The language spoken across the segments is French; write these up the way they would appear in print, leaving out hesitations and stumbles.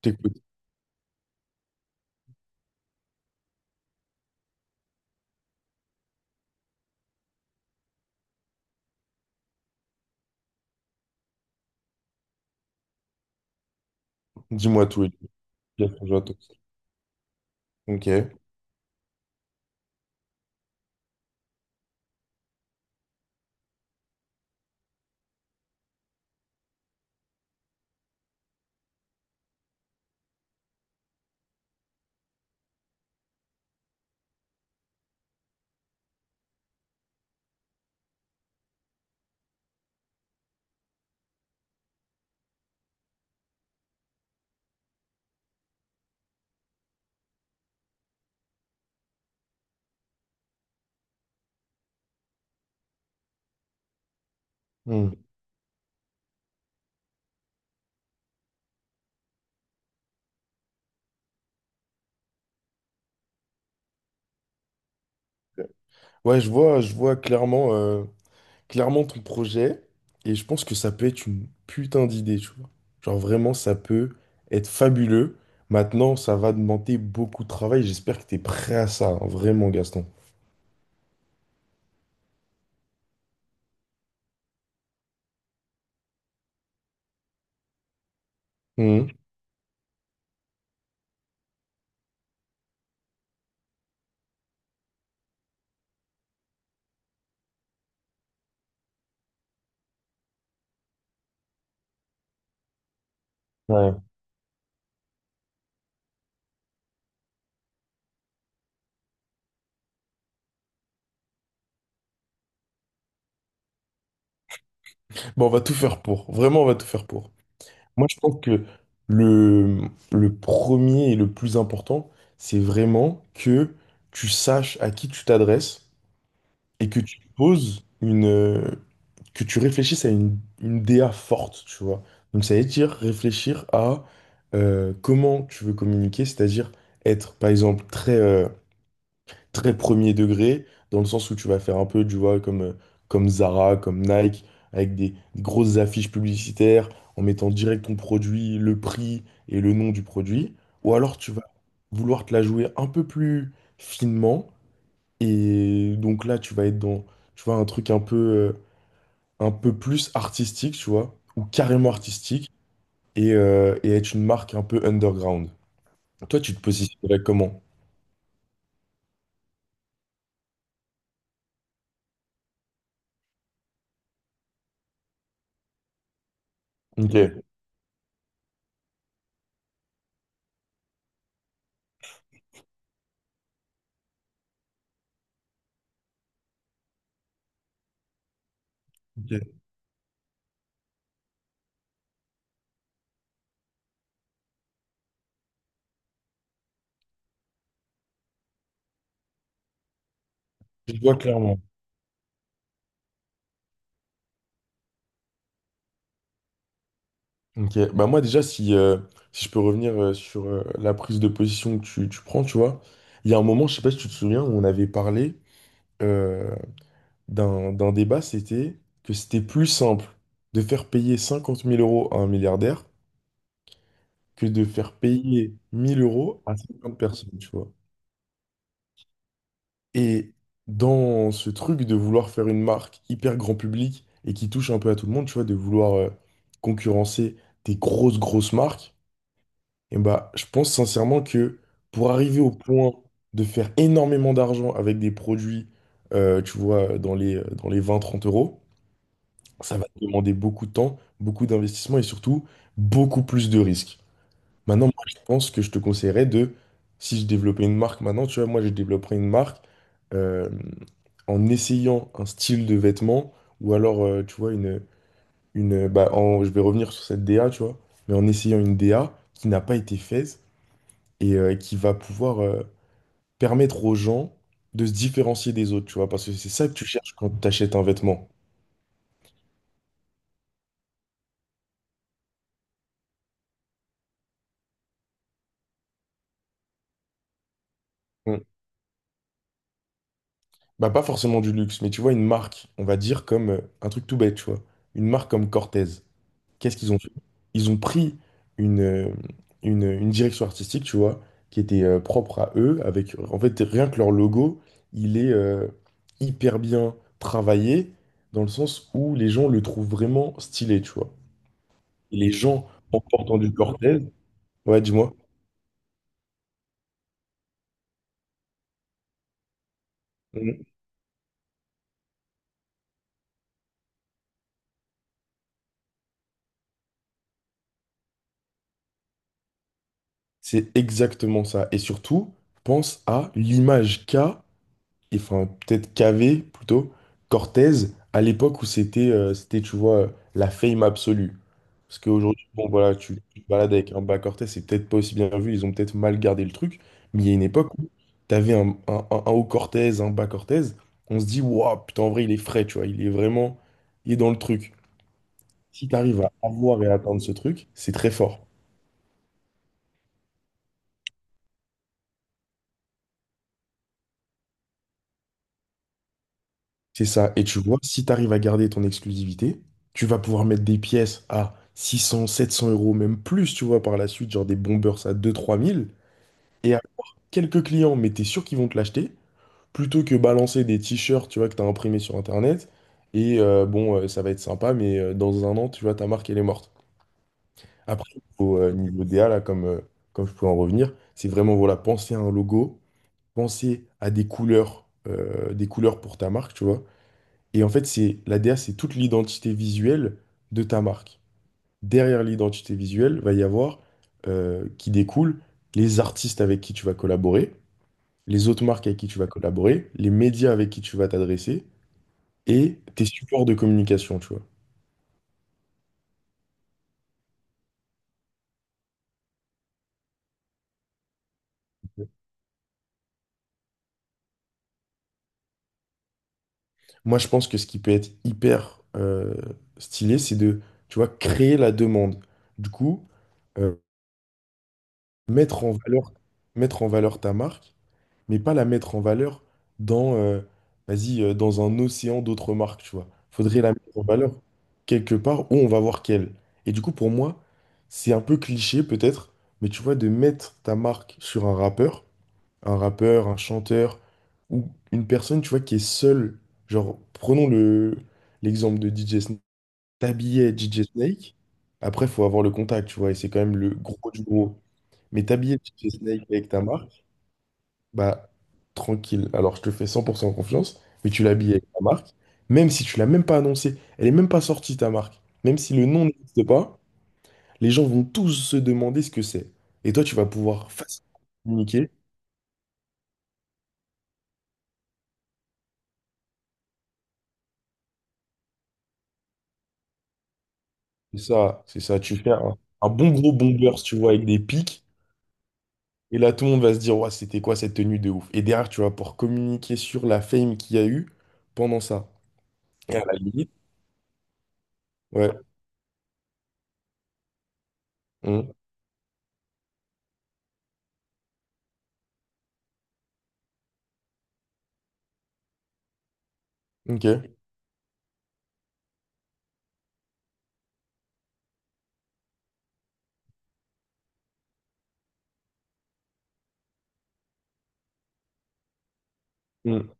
T'écoutes. Dis-moi tout, Elie. Bien sûr, j'attends. Ok. Hmm. Ouais, je vois clairement, clairement ton projet et je pense que ça peut être une putain d'idée, tu vois. Genre vraiment, ça peut être fabuleux. Maintenant, ça va demander beaucoup de travail. J'espère que t'es prêt à ça, hein, vraiment, Gaston. Hmm. Ouais. Bon, on va tout faire pour. Vraiment, on va tout faire pour. Moi, je pense que le, le premier et le plus important, c'est vraiment que tu saches à qui tu t'adresses et que tu poses que tu réfléchisses à une DA forte, tu vois. Donc ça veut dire réfléchir à comment tu veux communiquer, c'est-à-dire être, par exemple, très premier degré, dans le sens où tu vas faire un peu, tu vois, comme Zara, comme Nike, avec des grosses affiches publicitaires, en mettant direct ton produit, le prix et le nom du produit. Ou alors tu vas vouloir te la jouer un peu plus finement et donc là, tu vas être dans, tu vois, un truc un peu, un peu plus artistique, tu vois, ou carrément artistique, et être une marque un peu underground. Toi, tu te positionnerais comment? Ok. Ok, je vois clairement. Ok, bah moi déjà, si je peux revenir sur la prise de position que tu prends, tu vois, il y a un moment, je sais pas si tu te souviens, où on avait parlé euh, d'un, d'un débat, c'était que c'était plus simple de faire payer 50 000 euros à un milliardaire que de faire payer 1 000 euros à 50 personnes, tu vois. Et dans ce truc de vouloir faire une marque hyper grand public et qui touche un peu à tout le monde, tu vois, de vouloir concurrencer des grosses, grosses marques, et bah, je pense sincèrement que pour arriver au point de faire énormément d'argent avec des produits, tu vois, dans dans les 20 30 euros, ça va te demander beaucoup de temps, beaucoup d'investissement et surtout beaucoup plus de risques. Maintenant, moi, je pense que je te conseillerais de, si je développais une marque maintenant, tu vois, moi, je développerais une marque euh, en essayant un style de vêtement ou alors, tu vois, je vais revenir sur cette DA, tu vois, mais en essayant une DA qui n'a pas été faite et qui va pouvoir permettre aux gens de se différencier des autres, tu vois, parce que c'est ça que tu cherches quand tu achètes un vêtement. Mm. Bah, pas forcément du luxe, mais tu vois, une marque, on va dire comme un truc tout bête, tu vois, une marque comme Cortez. Qu'est-ce qu'ils ont fait? Ils ont pris une, euh, une direction artistique, tu vois, qui était propre à eux, avec en fait rien que leur logo, il est hyper bien travaillé, dans le sens où les gens le trouvent vraiment stylé, tu vois. Et les gens, en portant du Cortez, ouais, dis-moi. Mhm. C'est exactement ça. Et surtout, pense à l'image qu'a et enfin peut-être Cavé plutôt, Cortez, à l'époque où c'était, tu vois, la fame absolue. Parce qu'aujourd'hui, bon voilà, tu te balades avec un bas Cortez, c'est peut-être pas aussi bien vu, ils ont peut-être mal gardé le truc, mais il y a une époque où t'avais un haut Cortez, un bas Cortez, on se dit, waouh, putain, en vrai, il est frais, tu vois, il est vraiment, il est dans le truc. Si t'arrives à avoir et à atteindre ce truc, c'est très fort. C'est ça. Et tu vois, si tu arrives à garder ton exclusivité, tu vas pouvoir mettre des pièces à 600, 700 euros, même plus, tu vois, par la suite, genre des bombers à 2 000, 3 000, et avoir quelques clients, mais t'es sûr qu'ils vont te l'acheter, plutôt que balancer des t-shirts, tu vois, que t'as imprimés sur Internet, et bon, ça va être sympa, mais dans un an, tu vois, ta marque, elle est morte. Après, au niveau DA, comme je peux en revenir, c'est vraiment, voilà, penser à un logo, penser à des couleurs pour ta marque, tu vois. Et en fait, c'est la DA, c'est toute l'identité visuelle de ta marque. Derrière l'identité visuelle, va y avoir qui découle les artistes avec qui tu vas collaborer, les autres marques avec qui tu vas collaborer, les médias avec qui tu vas t'adresser et tes supports de communication, tu vois. Moi, je pense que ce qui peut être hyper stylé, c'est de, tu vois, créer la demande. Du coup, euh, mettre en valeur, mettre en valeur ta marque mais pas la mettre en valeur dans, euh, vas-y, dans un océan d'autres marques, tu vois. Faudrait la mettre en valeur quelque part où on va voir qu'elle. Et du coup, pour moi, c'est un peu cliché peut-être, mais tu vois, de mettre ta marque sur un rappeur, un rappeur, un chanteur, ou une personne, tu vois, qui est seule. Genre, l'exemple de DJ Snake. T'habillais DJ Snake, après, faut avoir le contact, tu vois, et c'est quand même le gros du gros. Mais t'habillais DJ Snake avec ta marque, bah, tranquille. Alors, je te fais 100% confiance, mais tu l'habilles avec ta marque, même si tu l'as même pas annoncée, elle est même pas sortie ta marque. Même si le nom n'existe pas, les gens vont tous se demander ce que c'est. Et toi, tu vas pouvoir facilement communiquer. C'est ça, c'est ça. Tu fais un bon gros bomber, si tu vois, avec des pics. Et là, tout le monde va se dire, ouais, c'était quoi cette tenue de ouf? Et derrière, tu vas pouvoir communiquer sur la fame qu'il y a eu pendant ça. Et à la limite, ouais. Mmh. Ok. Hmm.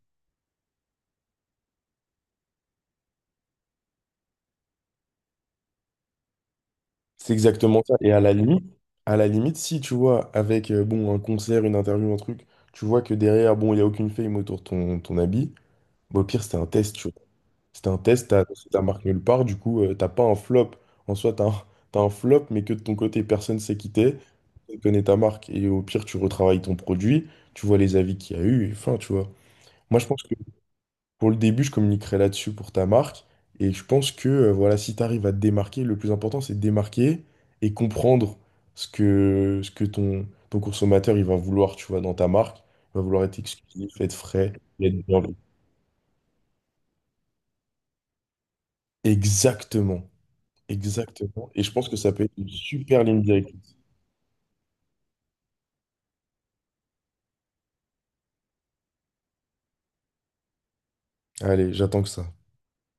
C'est exactement ça. Et à la limite, si tu vois, avec bon, un concert, une interview, un truc, tu vois que derrière, bon, il n'y a aucune fame autour de ton habit, bah, au pire, c'était un test, tu vois. C'était un test, t'as marqué nulle part, du coup, t'as pas un flop. En soi, t'as un flop, mais que de ton côté, personne s'est quitté, tu connais ta marque. Et au pire, tu retravailles ton produit, tu vois les avis qu'il y a eu, et enfin, tu vois. Moi, je pense que pour le début, je communiquerai là-dessus pour ta marque. Et je pense que voilà, si tu arrives à te démarquer, le plus important, c'est de démarquer et comprendre ce que ton consommateur il va vouloir, tu vois, dans ta marque. Il va vouloir être exclusif, être frais, et être bien vu. Exactement. Exactement. Et je pense que ça peut être une super ligne directrice. Allez, j'attends que ça.